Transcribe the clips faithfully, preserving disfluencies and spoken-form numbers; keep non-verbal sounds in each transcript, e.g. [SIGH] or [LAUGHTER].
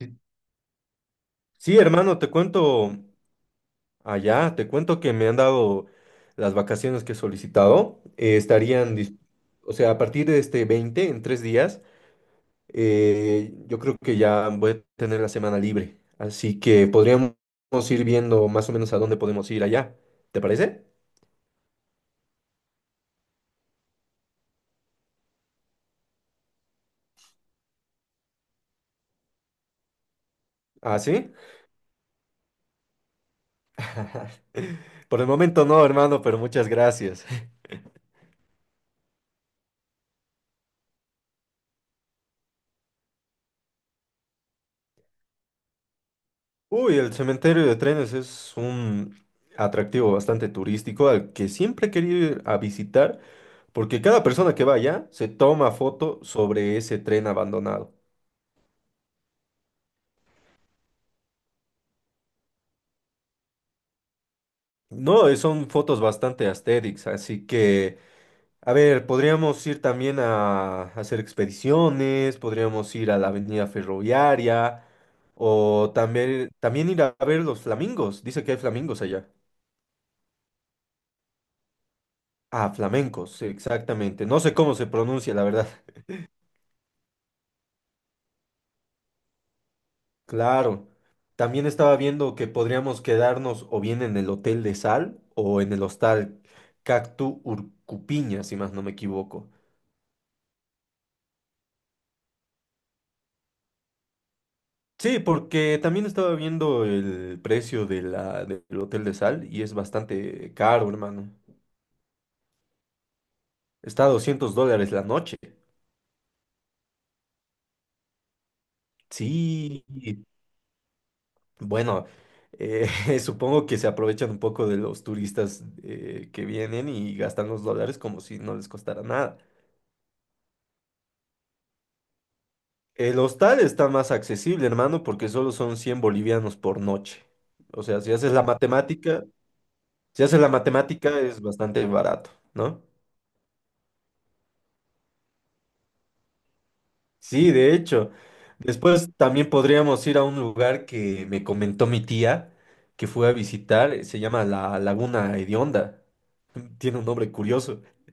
Sí, Sí, hermano, te cuento allá, te cuento que me han dado las vacaciones que he solicitado. Eh, estarían, dis- o sea, a partir de este veinte en tres días. Eh, yo creo que ya voy a tener la semana libre. Así que podríamos ir viendo más o menos a dónde podemos ir allá. ¿Te parece? ¿Ah, sí? [LAUGHS] Por el momento no, hermano, pero muchas gracias. Uy, el cementerio de trenes es un atractivo bastante turístico al que siempre he querido ir a visitar. Porque cada persona que vaya se toma foto sobre ese tren abandonado. No, eh, son fotos bastante aesthetics, así que, a ver, podríamos ir también a hacer expediciones, podríamos ir a la avenida ferroviaria, o también, también ir a ver los flamingos. Dice que hay flamingos allá. Ah, flamencos, exactamente. No sé cómo se pronuncia, la verdad. Claro. También estaba viendo que podríamos quedarnos o bien en el Hotel de Sal o en el Hostal Cactu Urcupiña, si más no me equivoco. Sí, porque también estaba viendo el precio de la, del Hotel de Sal y es bastante caro, hermano. Está a doscientos dólares la noche. Sí, bueno, eh, [LAUGHS] supongo que se aprovechan un poco de los turistas eh, que vienen y gastan los dólares como si no les costara nada. El hostal está más accesible, hermano, porque solo son cien bolivianos por noche. O sea, si haces la matemática, si haces la matemática es bastante barato, ¿no? Sí, de hecho. Después también podríamos ir a un lugar que me comentó mi tía que fue a visitar, eh, se llama la Laguna Hedionda. [LAUGHS] Tiene un nombre curioso. [LAUGHS]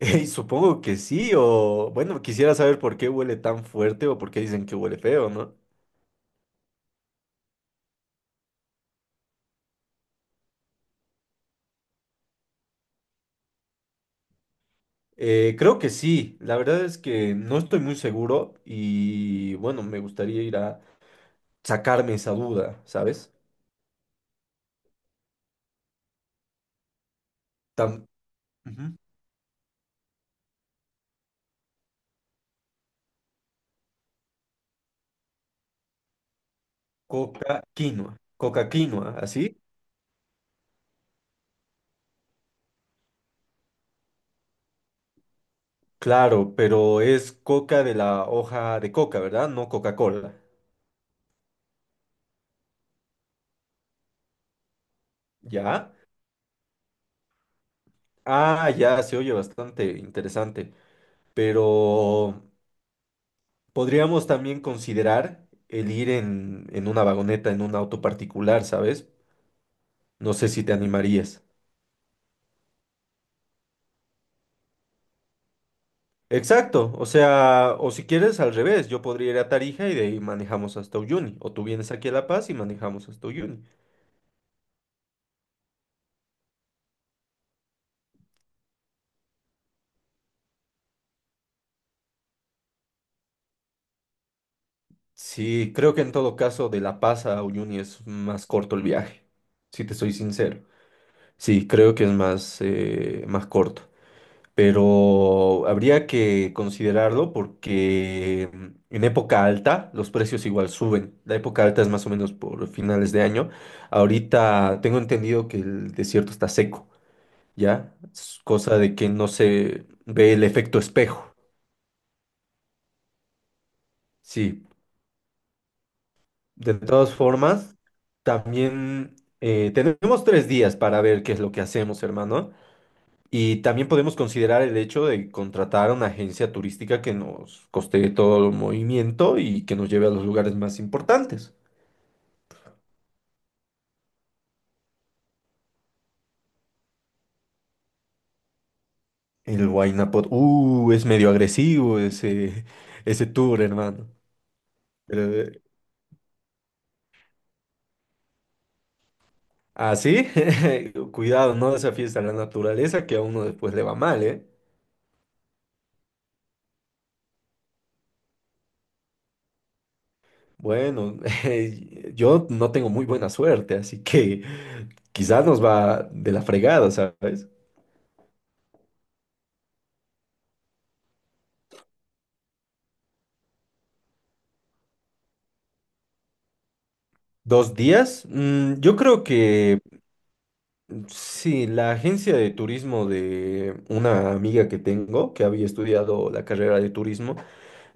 Y supongo que sí, o bueno, quisiera saber por qué huele tan fuerte o por qué dicen que huele feo, ¿no? Eh, creo que sí, la verdad es que no estoy muy seguro y bueno, me gustaría ir a sacarme esa duda, ¿sabes? Tam- Ujú. Coca quinoa, coca quinoa, ¿así? Claro, pero es coca de la hoja de coca, ¿verdad? No Coca-Cola, ¿ya? Ah, ya, se oye bastante interesante, pero podríamos también considerar el ir en, en una vagoneta, en un auto particular, ¿sabes? No sé si te animarías. Exacto, o sea, o si quieres al revés, yo podría ir a Tarija y de ahí manejamos hasta Uyuni, o tú vienes aquí a La Paz y manejamos hasta Uyuni. Sí, creo que en todo caso de La Paz a Uyuni es más corto el viaje, si te soy sincero. Sí, creo que es más, eh, más corto, pero habría que considerarlo porque mm, en época alta los precios igual suben. La época alta es más o menos por finales de año. Ahorita tengo entendido que el desierto está seco. ¿Ya? Es cosa de que no se ve el efecto espejo. Sí, de todas formas, también eh, tenemos tres días para ver qué es lo que hacemos, hermano. Y también podemos considerar el hecho de contratar a una agencia turística que nos costee todo el movimiento y que nos lleve a los lugares más importantes. El Huayna Pot- uh, es medio agresivo ese, [LAUGHS] ese tour, hermano. Pero, eh, así, [LAUGHS] cuidado, no desafíes a la naturaleza que a uno después le va mal, ¿eh? Bueno, [LAUGHS] eh, yo no tengo muy buena suerte, así que quizás nos va de la fregada, ¿sabes? ¿Dos días? Mm, yo creo que mm, sí, la agencia de turismo de una amiga que tengo, que había estudiado la carrera de turismo,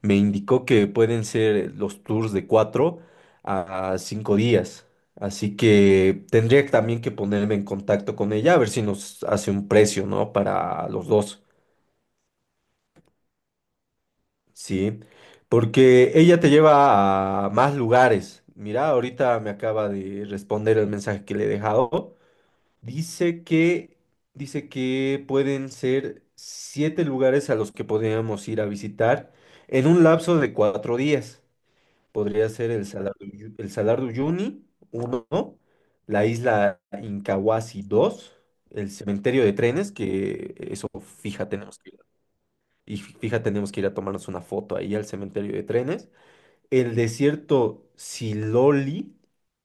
me indicó que pueden ser los tours de cuatro a cinco días. Así que tendría también que ponerme en contacto con ella a ver si nos hace un precio, ¿no? Para los dos. Sí, porque ella te lleva a más lugares. Mira, ahorita me acaba de responder el mensaje que le he dejado. Dice que, dice que pueden ser siete lugares a los que podríamos ir a visitar en un lapso de cuatro días. Podría ser el Salar de, Uyu- el Salar de Uyuni, uno, la isla Incahuasi, dos, el cementerio de trenes, que eso, fíjate, ¿no? Y fí- fíjate, tenemos que ir a tomarnos una foto ahí al cementerio de trenes. El desierto Siloli,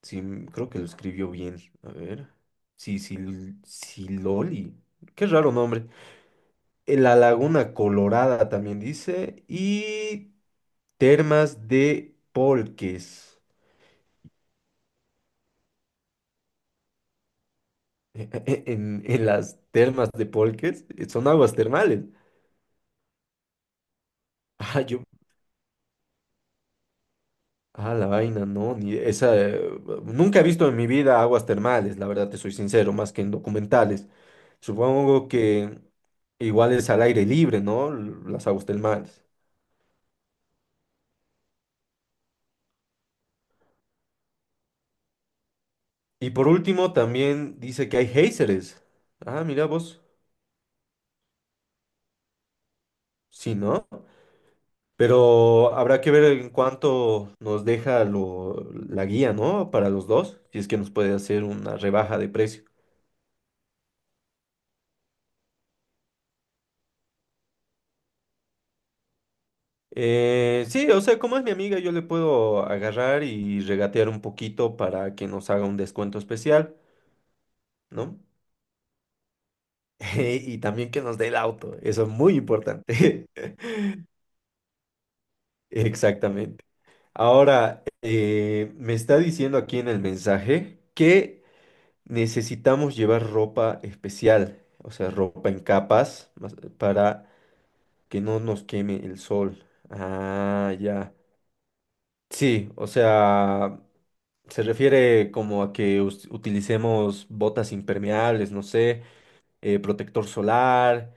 sí, mm, creo que lo escribió bien. A ver. Sí, Sil- Siloli. Qué raro nombre. Eh, La Laguna Colorada también dice. Y termas de Polques. [LAUGHS] En, en las termas de Polques eh, son aguas termales. [LAUGHS] Ah, yo, Ah, la vaina, no, ni esa. Eh, nunca he visto en mi vida aguas termales, la verdad te soy sincero, más que en documentales. Supongo que igual es al aire libre, ¿no? L- Las aguas termales. Y por último, también dice que hay géiseres. Ah, mira vos, sí, ¿no? Pero habrá que ver en cuánto nos deja lo, la guía, ¿no? Para los dos, si es que nos puede hacer una rebaja de precio. Eh, sí, o sea, como es mi amiga, yo le puedo agarrar y regatear un poquito para que nos haga un descuento especial, ¿no? [LAUGHS] Y también que nos dé el auto, eso es muy importante. [LAUGHS] Exactamente. Ahora, eh, me está diciendo aquí en el mensaje que necesitamos llevar ropa especial, o sea, ropa en capas, más- para que no nos queme el sol. Ah, ya. Sí, o sea, se refiere como a que us- utilicemos botas impermeables, no sé, eh, protector solar,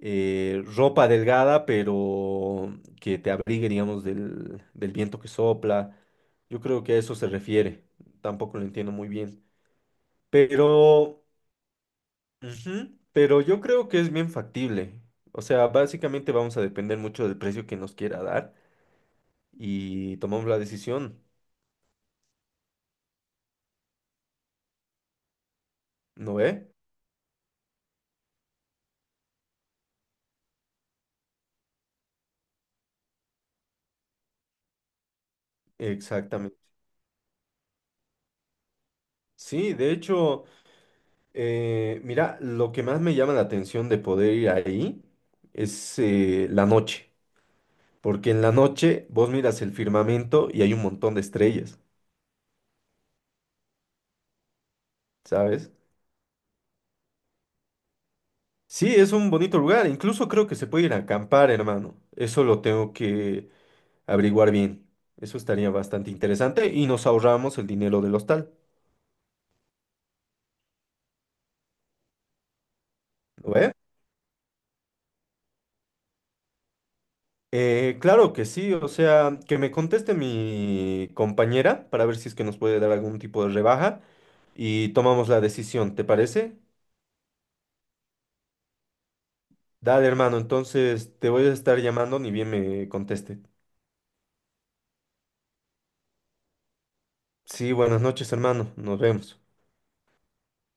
eh, ropa delgada, pero que te abrigue, digamos, del, del viento que sopla. Yo creo que a eso se refiere. Tampoco lo entiendo muy bien. Pero, ujú, pero yo creo que es bien factible. O sea, básicamente vamos a depender mucho del precio que nos quiera dar y tomamos la decisión, ¿no ve? Exactamente. Sí, de hecho, eh, mira, lo que más me llama la atención de poder ir ahí es eh, la noche, porque en la noche vos miras el firmamento y hay un montón de estrellas, ¿sabes? Sí, es un bonito lugar, incluso creo que se puede ir a acampar, hermano. Eso lo tengo que averiguar bien. Eso estaría bastante interesante y nos ahorramos el dinero del hostal, ¿lo ve? Eh, claro que sí, o sea, que me conteste mi compañera para ver si es que nos puede dar algún tipo de rebaja. Y tomamos la decisión, ¿te parece? Dale, hermano, entonces te voy a estar llamando ni bien me conteste. Sí, buenas noches, hermano, nos vemos.